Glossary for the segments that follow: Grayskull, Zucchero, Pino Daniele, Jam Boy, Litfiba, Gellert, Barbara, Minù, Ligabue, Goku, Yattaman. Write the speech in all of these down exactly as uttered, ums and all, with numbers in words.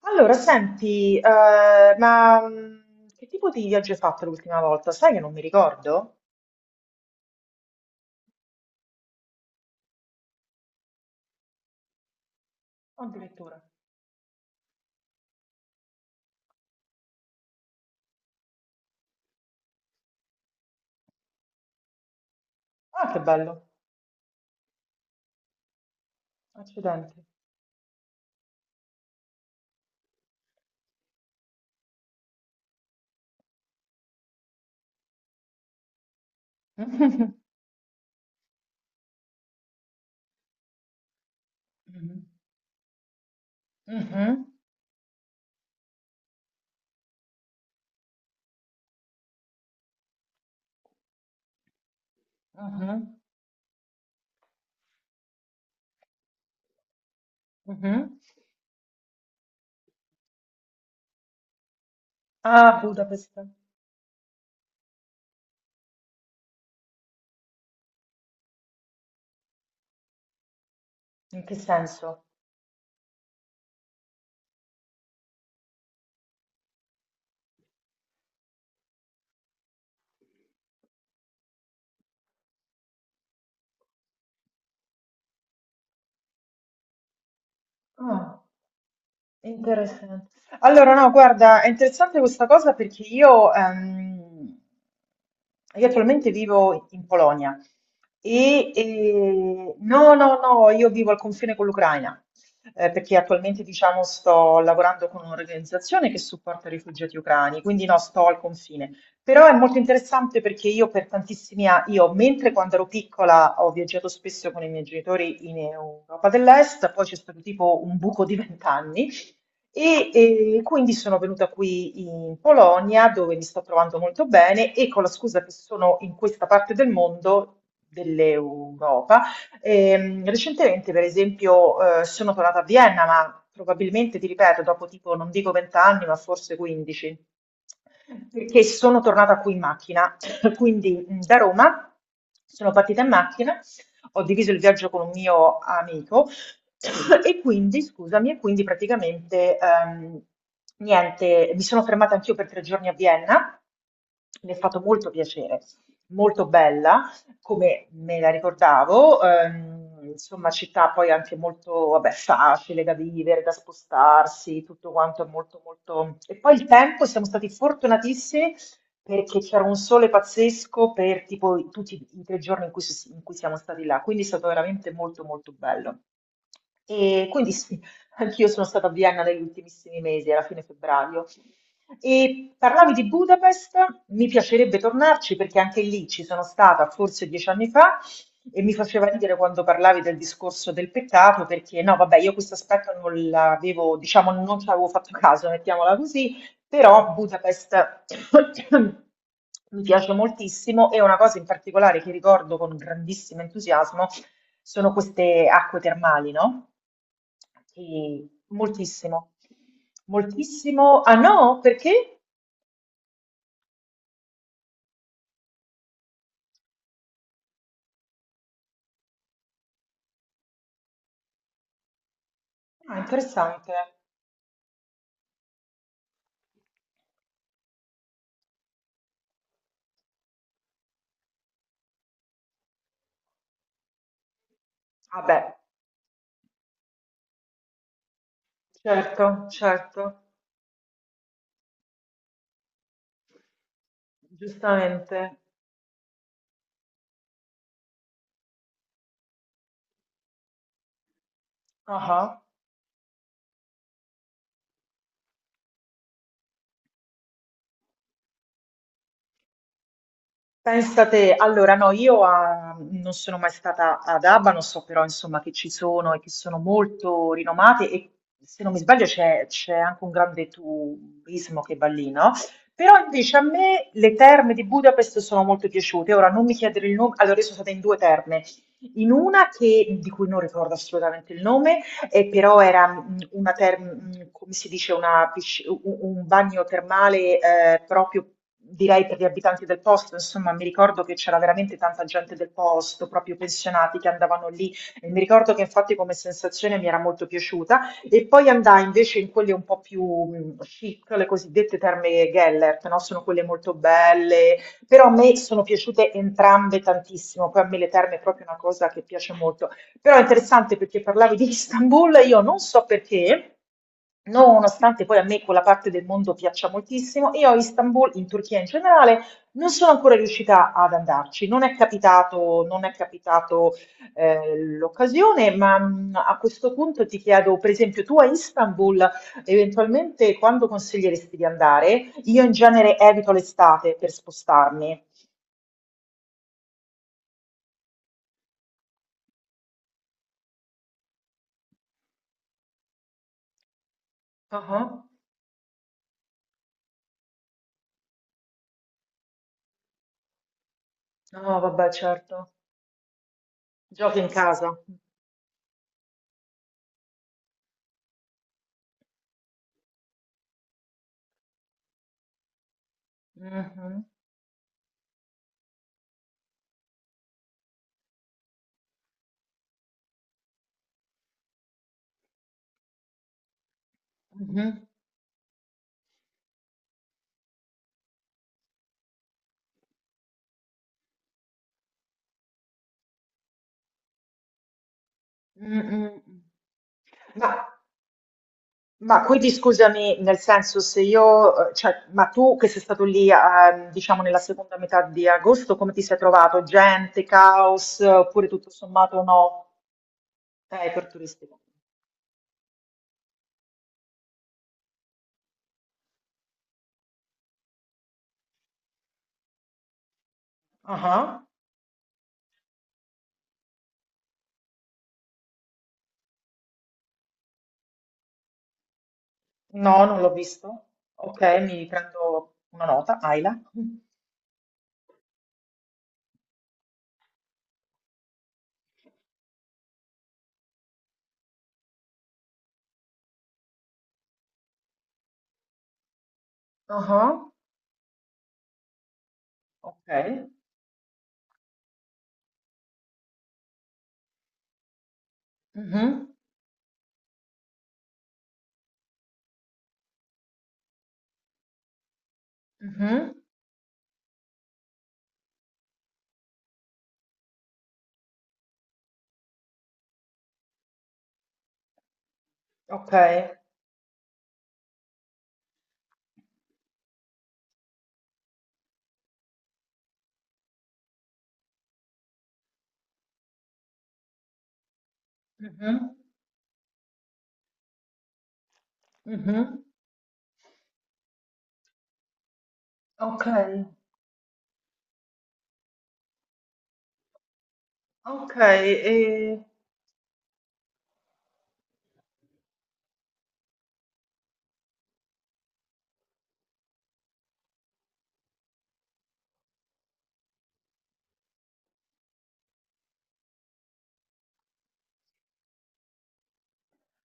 Allora, senti, eh, ma mm, che tipo di viaggio hai fatto l'ultima volta? Sai che non mi ricordo? Addirittura. Ah, che bello. Accidenti. Mhm, mhm, mhm, mhm. Ah, Budapest. In che senso? Ah. Interessante. Allora, no, guarda, è interessante questa cosa perché io, ehm, io attualmente vivo in Polonia e, e- no, no, no, io vivo al confine con l'Ucraina, eh, perché attualmente, diciamo, sto lavorando con un'organizzazione che supporta i rifugiati ucraini, quindi no, sto al confine. Però è molto interessante perché io per tantissimi anni, io mentre quando ero piccola ho viaggiato spesso con i miei genitori in Europa dell'Est, poi c'è stato tipo un buco di vent'anni e, eh, quindi sono venuta qui in Polonia dove mi sto trovando molto bene e con la scusa che sono in questa parte del mondo, dell'Europa, ehm, recentemente per esempio eh, sono tornata a Vienna, ma probabilmente, ti ripeto, dopo tipo non dico venti anni, ma forse quindici, perché sono tornata qui in macchina, quindi mh, da Roma sono partita in macchina, ho diviso il viaggio con un mio amico. E quindi, scusami, e quindi praticamente ehm, niente, mi sono fermata anch'io per tre giorni a Vienna, mi è fatto molto piacere, molto bella, come me la ricordavo, ehm, insomma, città poi anche molto, vabbè, facile da vivere, da spostarsi, tutto quanto è molto, molto. E poi il tempo, siamo stati fortunatissimi perché c'era un sole pazzesco per tipo i- tutti i tre giorni in cui, si- in cui siamo stati là, quindi è stato veramente molto, molto bello. E quindi sì, anch'io sono stata a Vienna negli ultimissimi mesi, era fine febbraio, e parlavi di Budapest, mi piacerebbe tornarci perché anche lì ci sono stata forse dieci anni fa e mi faceva ridere quando parlavi del discorso del peccato perché no, vabbè, io questo aspetto non l'avevo, diciamo, non ci avevo fatto caso, mettiamola così, però Budapest mi piace moltissimo e una cosa in particolare che ricordo con grandissimo entusiasmo sono queste acque termali, no? Che Moltissimo. Moltissimo. Ah no? Perché? Ah, interessante. Vabbè, certo, certo, giustamente. Ah ah. Pensa te, allora no, io a- non sono mai stata ad Abano, so però insomma che ci sono e che sono molto rinomate e se non mi sbaglio c'è c'è anche un grande turismo che va lì, no? Però invece a me le terme di Budapest sono molto piaciute, ora non mi chiedere il nome, allora io sono stata in due terme, in una che, di cui non ricordo assolutamente il nome, eh, però era mh, una term- mh, come si dice, una pisci- un un bagno termale eh, proprio direi per gli abitanti del posto, insomma, mi ricordo che c'era veramente tanta gente del posto, proprio pensionati che andavano lì. E mi ricordo che infatti come sensazione mi era molto piaciuta. E poi andai invece in quelle un po' più mh, chic, le cosiddette terme Gellert, no? Sono quelle molto belle, però a me sono piaciute entrambe tantissimo. Poi a me le terme è proprio una cosa che piace molto. Però è interessante perché parlavi di Istanbul, io non so perché, nonostante poi a me quella parte del mondo piaccia moltissimo, io a Istanbul, in Turchia in generale, non sono ancora riuscita ad andarci, non è capitato, non è capitato eh, l'occasione, ma mh, a questo punto ti chiedo, per esempio, tu a Istanbul eventualmente quando consiglieresti di andare? Io in genere evito l'estate per spostarmi. Ah, ah. No, vabbè, certo. Giochi in casa. Mhm. Mhm. Mm, mm, mm. Ma, ma quindi scusami, nel senso se io, eh, cioè, ma tu che sei stato lì, ehm, diciamo, nella seconda metà di agosto, come ti sei trovato? Gente, caos, eh, oppure tutto sommato no? Eh, per turistico. Ah. No, non l'ho visto. Ok, mi prendo una nota, Aila. Ah. Ok. Mhm, mhm. Ok. Mhm, mhm. Ok, ok, e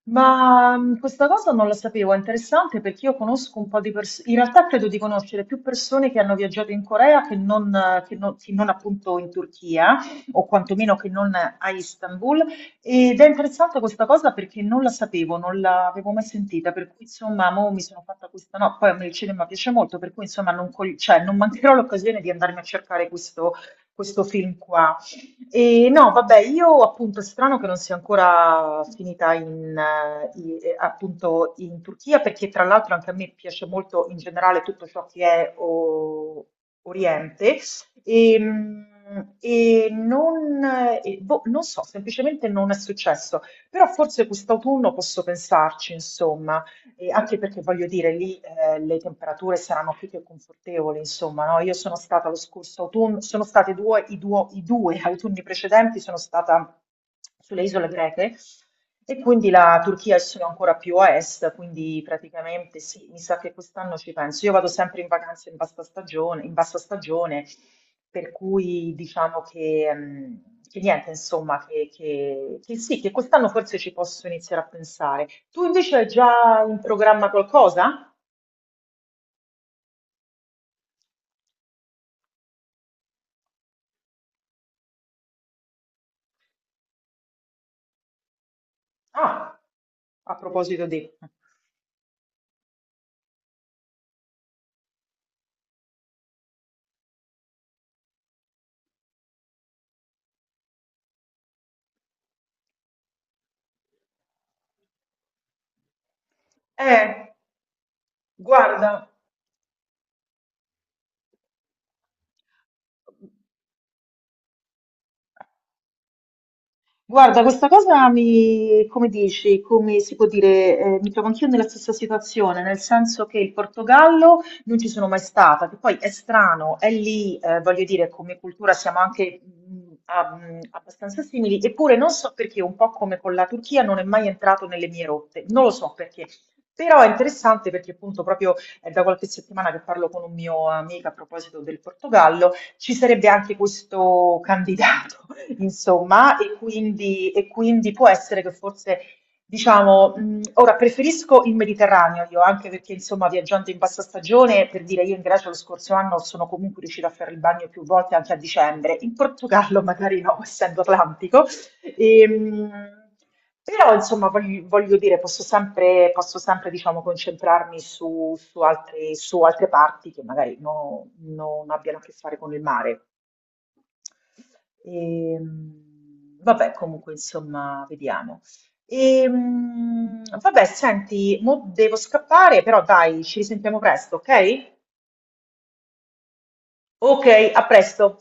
ma mh, questa cosa non la sapevo, è interessante perché io conosco un po' di persone, in realtà credo di conoscere più persone che hanno viaggiato in Corea che non, eh, che non- che non appunto in Turchia o quantomeno che non a Istanbul ed è interessante questa cosa perché non la sapevo, non l'avevo mai sentita, per cui insomma mo mi sono fatta questa, no, poi a me il cinema piace molto, per cui insomma non, col- cioè, non mancherò l'occasione di andarmi a cercare questo questo film qua. E no, vabbè, io appunto è strano che non sia ancora finita in, eh, i- eh, appunto in Turchia, perché tra l'altro anche a me piace molto in generale tutto ciò che è o- Oriente. E, mm, e non, eh, e boh, non so, semplicemente non è successo, però forse quest'autunno posso pensarci, insomma. E anche perché voglio dire, lì eh, le temperature saranno più che confortevoli, insomma, no? Io sono stata lo scorso autunno, sono state due, i, duo- i due autunni precedenti, sono stata sulle isole greche e quindi la Turchia è solo ancora più a est, quindi praticamente sì, mi sa che quest'anno ci penso. Io vado sempre in vacanza in bassa stagione, in bassa stagione, per cui diciamo che, mm, che niente, insomma, che, che che sì, che quest'anno forse ci posso iniziare a pensare. Tu invece hai già in programma qualcosa? Ah, a proposito di. Eh, guarda. Guarda, questa cosa mi, come dici, come si può dire, eh, mi trovo anch'io nella stessa situazione, nel senso che il Portogallo non ci sono mai stata, che poi è strano, è lì, eh, voglio dire, come cultura siamo anche mh, a- mh, abbastanza simili, eppure non so perché, un po' come con la Turchia, non è mai entrato nelle mie rotte, non lo so perché. Però è interessante perché appunto proprio è da qualche settimana che parlo con un mio amico a proposito del Portogallo, ci sarebbe anche questo candidato, insomma, e quindi, e quindi può essere che forse, diciamo, mh, ora preferisco il Mediterraneo io, anche perché, insomma, viaggiando in bassa stagione, per dire, io in Grecia lo scorso anno sono comunque riuscita a fare il bagno più volte anche a dicembre, in Portogallo magari no, essendo atlantico. Ehm, Però insomma voglio, voglio dire, posso sempre, posso sempre, diciamo, concentrarmi su, su altre, su altre parti che magari no- non abbiano a che fare con il mare. Ehm, vabbè, comunque insomma, vediamo. Ehm, vabbè, senti, mo devo scappare, però dai, ci risentiamo presto, ok? Ok, a presto.